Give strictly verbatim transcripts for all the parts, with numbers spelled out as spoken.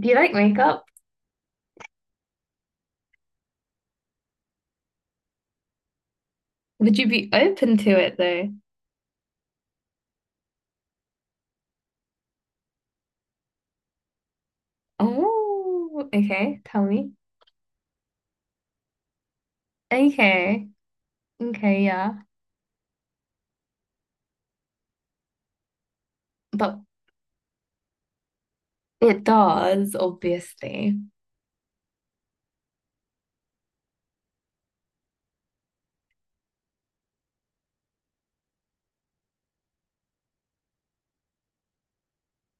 Do you like makeup? Would you be open to it though? Oh, okay. Tell me. Okay. Okay, yeah. But it does, obviously.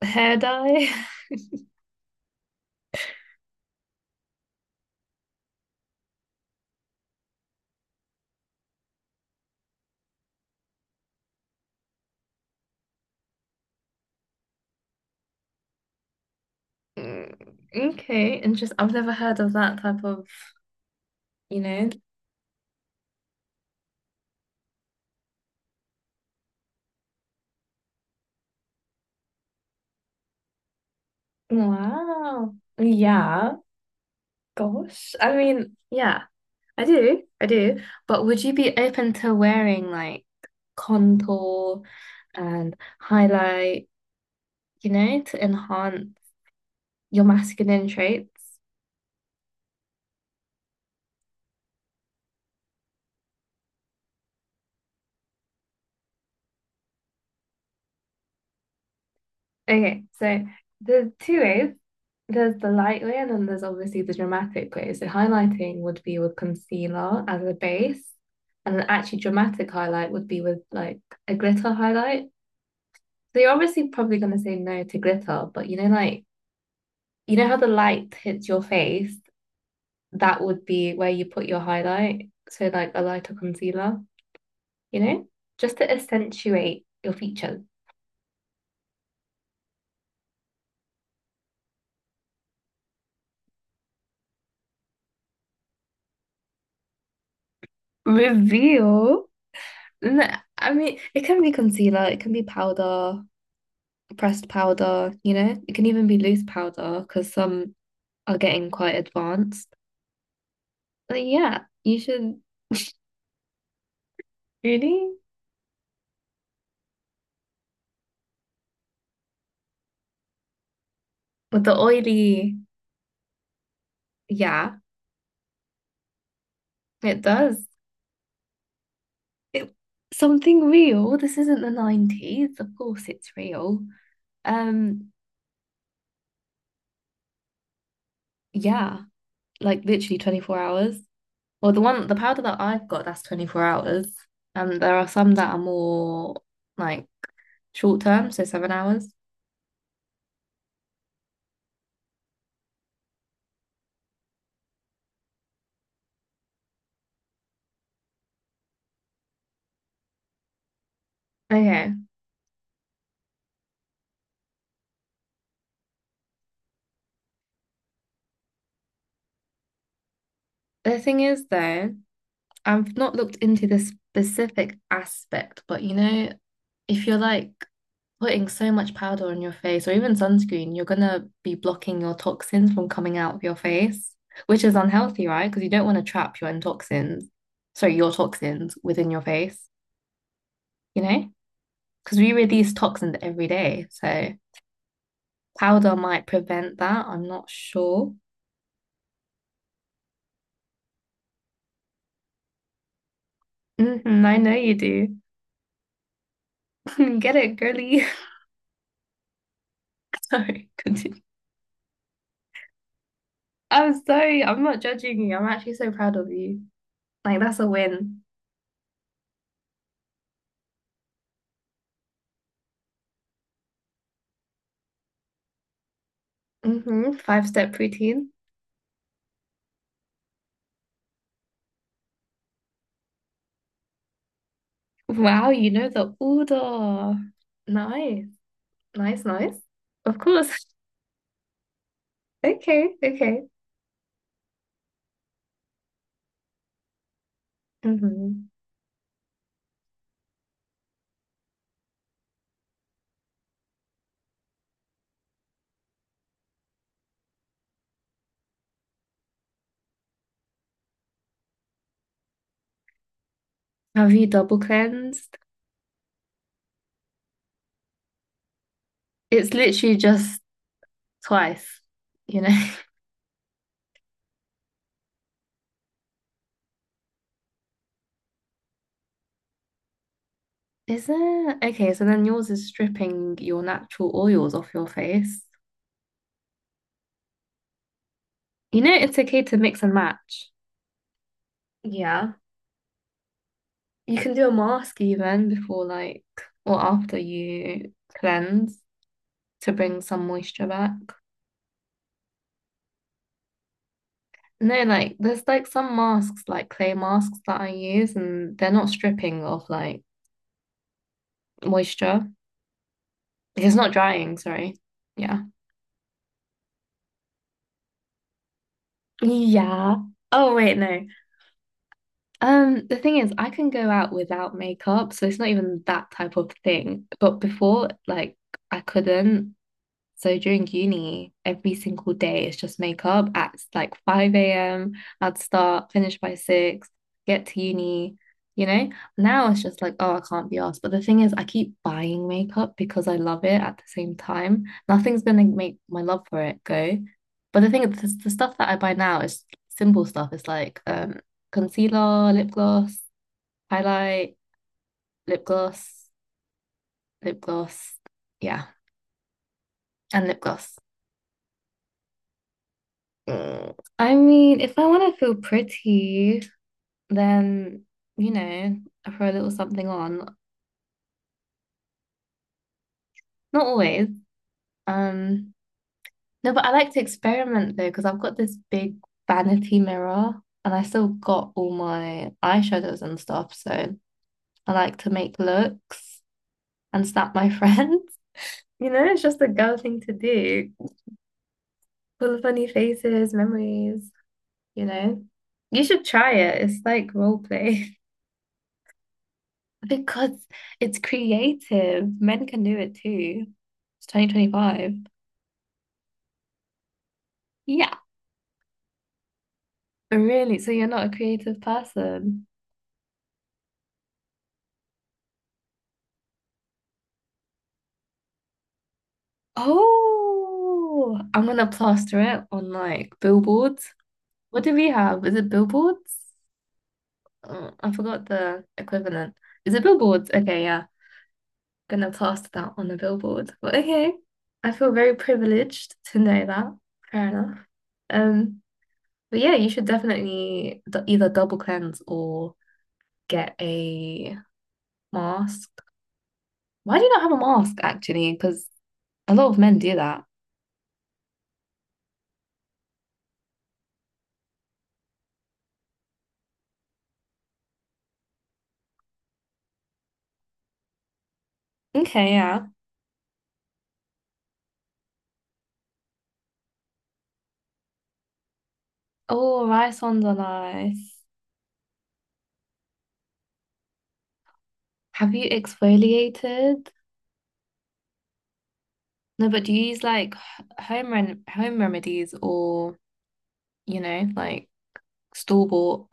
Hair dye? Mm. Okay, interesting. I've never heard of that type of, you know. Wow. Yeah. Gosh. I mean, yeah, I do. I do. But would you be open to wearing like contour and highlight, you know, to enhance your masculine traits? Okay, so there's two ways. There's the light way, and then there's obviously the dramatic way. So highlighting would be with concealer as a base, and an actually dramatic highlight would be with like a glitter highlight. So you're obviously probably going to say no to glitter, but you know, like you know how the light hits your face, that would be where you put your highlight. So like a lighter concealer, you know, just to accentuate your features. Reveal. No, I mean, it can be concealer, it can be powder, pressed powder, you know, it can even be loose powder because some are getting quite advanced. But yeah, you should really. But the oily, yeah, it does. It something real. This isn't the nineties. Of course it's real. Um, yeah, like literally twenty-four hours. Well, the one, the powder that I've got, that's twenty-four hours. And there are some that are more like short term, so seven hours. Okay. The thing is, though, I've not looked into the specific aspect, but you know, if you're like putting so much powder on your face or even sunscreen, you're gonna be blocking your toxins from coming out of your face, which is unhealthy, right? Because you don't want to trap your own toxins, sorry, your toxins within your face, you know? Because we release toxins every day. So powder might prevent that. I'm not sure. Hmm, I know you do. Get it, girly. Sorry, continue. I'm sorry. I'm not judging you. I'm actually so proud of you. Like, that's a win. Hmm. Five-step routine. Wow, you know the order. Nice, nice, nice. Of course. Okay, okay. Hmm. Have you double cleansed? It's literally just twice, you know? Is there? Okay, so then yours is stripping your natural oils off your face. You know, it's okay to mix and match. Yeah. You can do a mask even before, like, or after you cleanse to bring some moisture back. No, like, there's like some masks, like clay masks that I use, and they're not stripping of like moisture. It's not drying, sorry. Yeah. Yeah. Oh, wait, no. Um, the thing is, I can go out without makeup, so it's not even that type of thing. But before, like, I couldn't. So during uni, every single day it's just makeup at like five a m. I'd start, finish by six, get to uni, you know? Now it's just like, oh, I can't be asked. But the thing is, I keep buying makeup because I love it at the same time. Nothing's gonna make my love for it go. But the thing is, the, the stuff that I buy now is simple stuff. It's like um concealer, lip gloss, highlight, lip gloss, lip gloss, yeah, and lip gloss. Mm, I mean, if I want to feel pretty, then you know, I throw a little something on. Not always. Um, no, but I like to experiment though, because I've got this big vanity mirror and I still got all my eyeshadows and stuff. So I like to make looks and snap my friends. You know, it's just a girl thing to do. Full of funny faces, memories, you know. You should try it. It's like role play. Because it's creative. Men can do it too. It's twenty twenty-five. Yeah. Really? So you're not a creative person? Oh, I'm gonna plaster it on like billboards. What do we have? Is it billboards? Oh, I forgot the equivalent. Is it billboards? Okay, yeah. Gonna plaster that on a billboard. But okay. I feel very privileged to know that. Fair enough. Um, but yeah, you should definitely d- either double cleanse or get a mask. Why do you not have a mask actually? Because a lot of men do that. Okay, yeah. Oh, rice ones are nice. Have you exfoliated? No, but do you use like h- home rem home remedies or, you know, like store bought?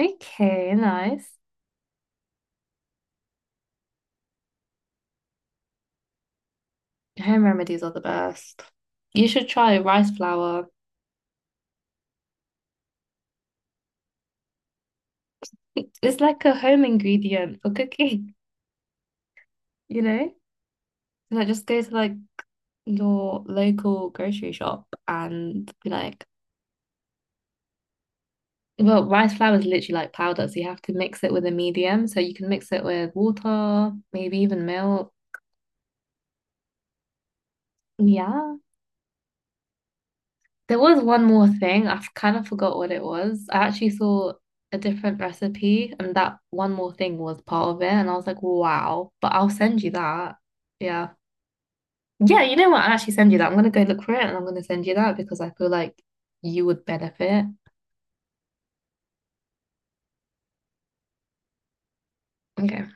Okay, nice. Home remedies are the best. You should try rice flour. It's like a home ingredient for cooking, you know? Like just go to like your local grocery shop and be like, well, rice flour is literally like powder, so you have to mix it with a medium. So you can mix it with water, maybe even milk. Yeah. There was one more thing. I've kind of forgot what it was. I actually saw a different recipe, and that one more thing was part of it. And I was like, wow, but I'll send you that. Yeah. Yeah, you know what? I'll actually send you that. I'm gonna go look for it and I'm gonna send you that because I feel like you would benefit. Okay.